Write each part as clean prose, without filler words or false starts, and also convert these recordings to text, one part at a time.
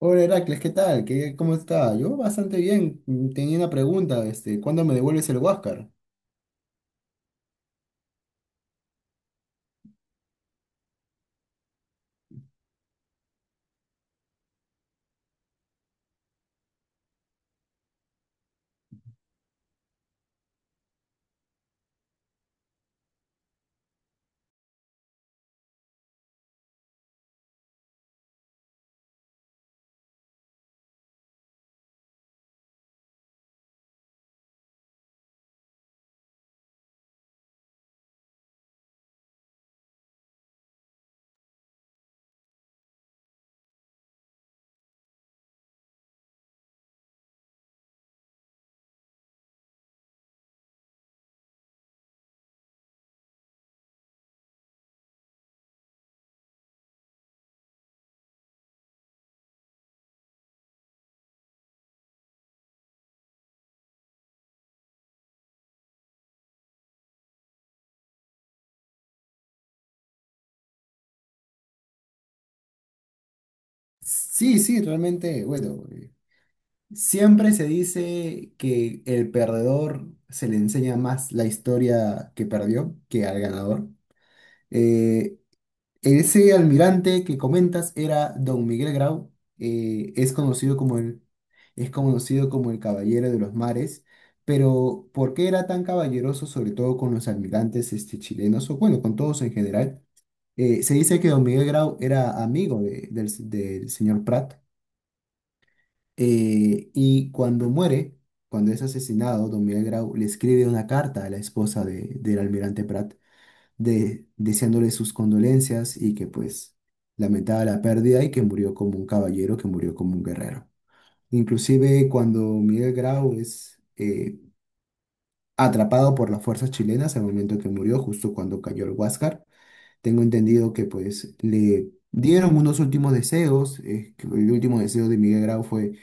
Hola Heracles, ¿qué tal? ¿Cómo está? Yo bastante bien. Tenía una pregunta, ¿cuándo me devuelves el Huáscar? Sí, sí, realmente, bueno, siempre se dice que el perdedor se le enseña más la historia que perdió que al ganador. Eh, Ese almirante que comentas era don Miguel Grau, es conocido como el Caballero de los Mares, pero ¿por qué era tan caballeroso, sobre todo con los almirantes chilenos, o bueno, con todos en general? Se dice que don Miguel Grau era amigo del señor Prat, y cuando muere, cuando es asesinado, don Miguel Grau le escribe una carta a la esposa del almirante Prat deseándole sus condolencias y que pues lamentaba la pérdida y que murió como un caballero, que murió como un guerrero. Inclusive cuando Miguel Grau es atrapado por las fuerzas chilenas al momento que murió, justo cuando cayó el Huáscar, tengo entendido que pues le dieron unos últimos deseos, que el último deseo de Miguel Grau fue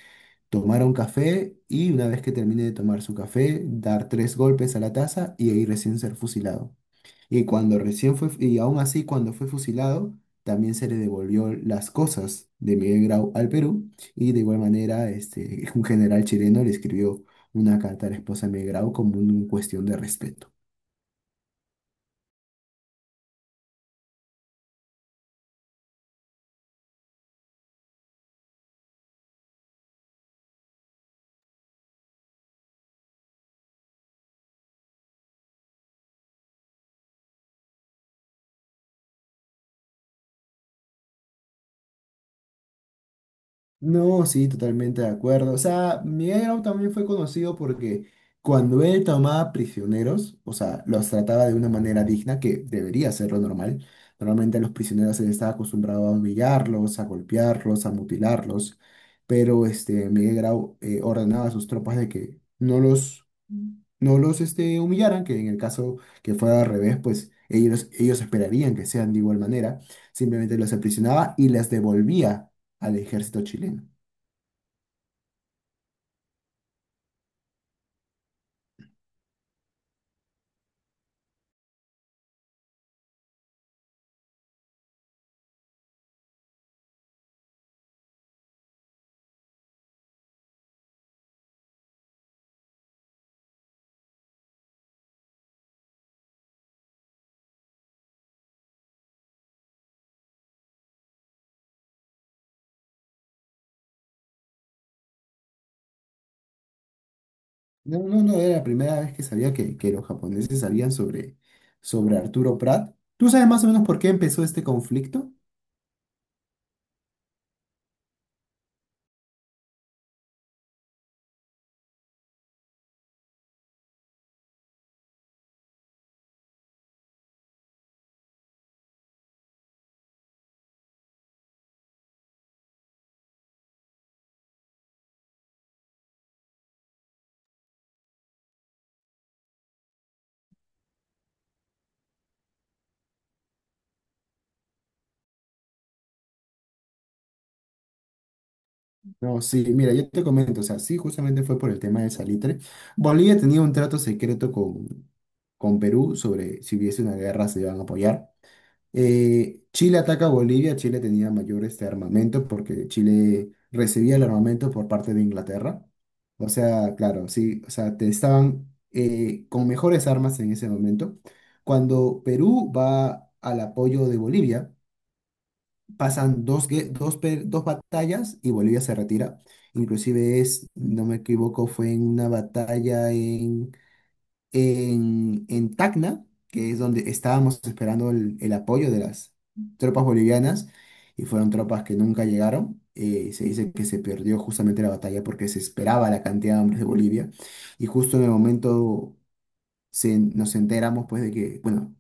tomar un café y una vez que termine de tomar su café, dar tres golpes a la taza y ahí recién ser fusilado. Y aún así cuando fue fusilado, también se le devolvió las cosas de Miguel Grau al Perú. Y de igual manera, un general chileno le escribió una carta a la esposa de Miguel Grau como una cuestión de respeto. No, sí, totalmente de acuerdo. O sea, Miguel Grau también fue conocido porque cuando él tomaba prisioneros, o sea, los trataba de una manera digna, que debería ser lo normal. Normalmente a los prisioneros se les estaba acostumbrado a humillarlos, a golpearlos, a mutilarlos, pero Miguel Grau ordenaba a sus tropas de que no los humillaran, que en el caso que fuera al revés, pues ellos esperarían que sean de igual manera. Simplemente los aprisionaba y les devolvía al ejército chileno. No, no, no, era la primera vez que sabía que los japoneses sabían sobre Arturo Prat. ¿Tú sabes más o menos por qué empezó este conflicto? No, sí, mira, yo te comento, o sea, sí, justamente fue por el tema del salitre. Bolivia tenía un trato secreto con Perú sobre si hubiese una guerra se iban a apoyar. Chile ataca a Bolivia, Chile tenía mayor armamento porque Chile recibía el armamento por parte de Inglaterra. O sea, claro, sí, o sea, te estaban con mejores armas en ese momento. Cuando Perú va al apoyo de Bolivia, pasan dos, gue- dos, pe- dos batallas y Bolivia se retira. Inclusive no me equivoco, fue en una batalla en Tacna, que es donde estábamos esperando el apoyo de las tropas bolivianas, y fueron tropas que nunca llegaron. Se dice que se perdió justamente la batalla porque se esperaba la cantidad de hombres de Bolivia, y justo en el momento nos enteramos pues de que, bueno,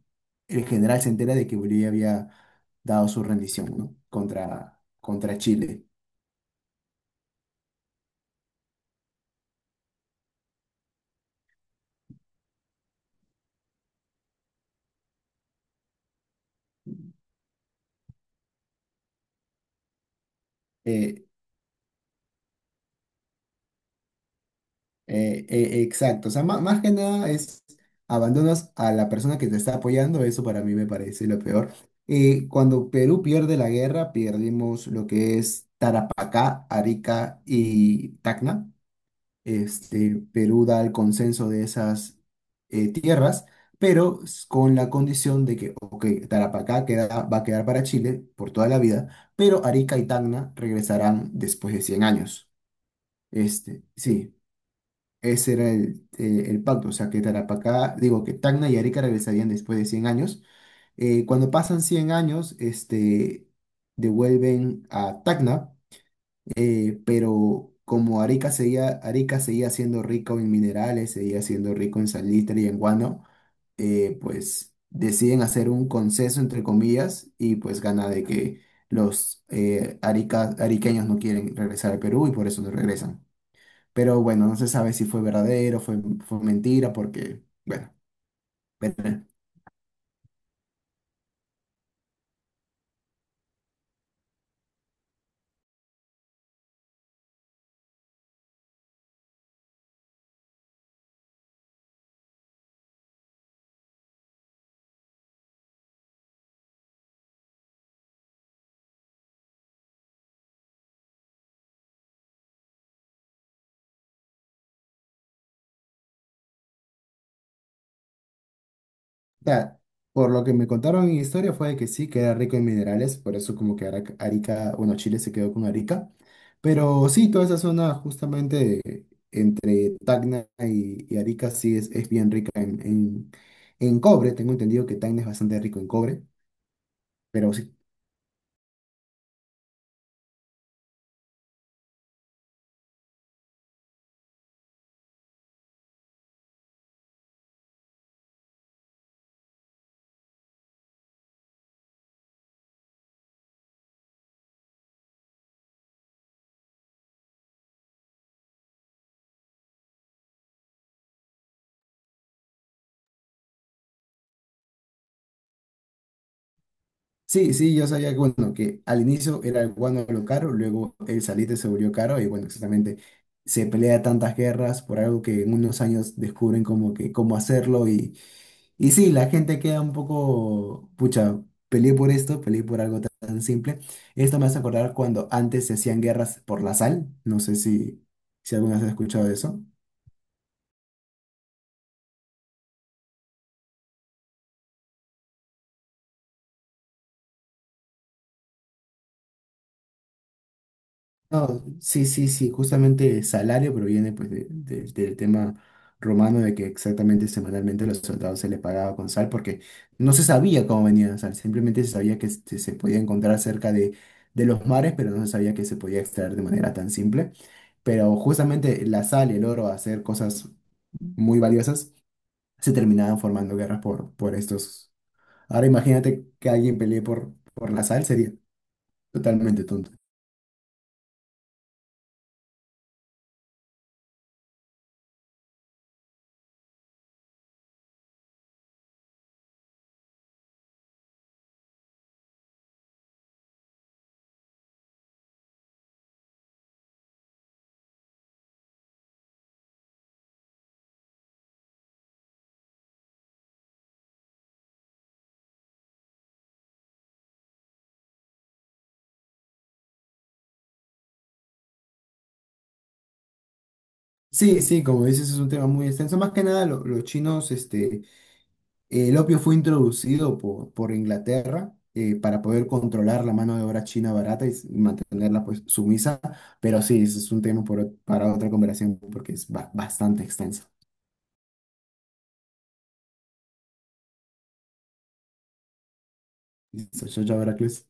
el general se entera de que Bolivia había dado su rendición, ¿no? Contra Chile. Eh, exacto, o sea, más, que nada es abandonas a la persona que te está apoyando, eso para mí me parece lo peor. Cuando Perú pierde la guerra, perdimos lo que es Tarapacá, Arica y Tacna. Perú da el consenso de esas tierras, pero con la condición de que, ok, Tarapacá queda, va a quedar para Chile por toda la vida, pero Arica y Tacna regresarán después de 100 años. Sí, ese era el pacto, o sea, que Tarapacá, digo, que Tacna y Arica regresarían después de 100 años. Cuando pasan 100 años, devuelven a Tacna, pero como Arica seguía siendo rico en minerales, seguía siendo rico en salitre y en guano, pues deciden hacer un conceso, entre comillas, y pues gana de que los ariqueños no quieren regresar al Perú y por eso no regresan. Pero bueno, no se sabe si fue verdadero, fue mentira, porque, bueno, pero, o sea, por lo que me contaron en historia fue de que sí, que era rico en minerales, por eso como que Arica, bueno, Chile se quedó con Arica. Pero sí, toda esa zona justamente entre Tacna y Arica sí es bien rica en cobre. Tengo entendido que Tacna es bastante rico en cobre, pero sí. Sí, sí, yo sabía que, bueno, que al inicio era el guano lo caro, luego el salite se volvió caro y bueno, exactamente se pelea tantas guerras por algo que en unos años descubren como que cómo hacerlo y sí, la gente queda un poco, pucha, peleé por esto, peleé por algo tan, tan simple. Esto me hace acordar cuando antes se hacían guerras por la sal, no sé si alguna vez has escuchado de eso. No, sí, sí, sí, justamente salario proviene pues del tema romano de que exactamente semanalmente a los soldados se les pagaba con sal porque no se sabía cómo venía la sal, simplemente se sabía que se podía encontrar cerca de los mares, pero no se sabía que se podía extraer de manera tan simple. Pero justamente la sal y el oro, a hacer cosas muy valiosas, se terminaban formando guerras por estos. Ahora imagínate que alguien pelee por la sal, sería totalmente tonto. Sí, sí, como dices, es un tema muy extenso. Más que nada, los chinos, el opio fue introducido por Inglaterra para poder controlar la mano de obra china barata y mantenerla pues sumisa. Pero sí, ese es un tema por para otra conversación porque es bastante extenso. Listo, chao, chao, Heracles.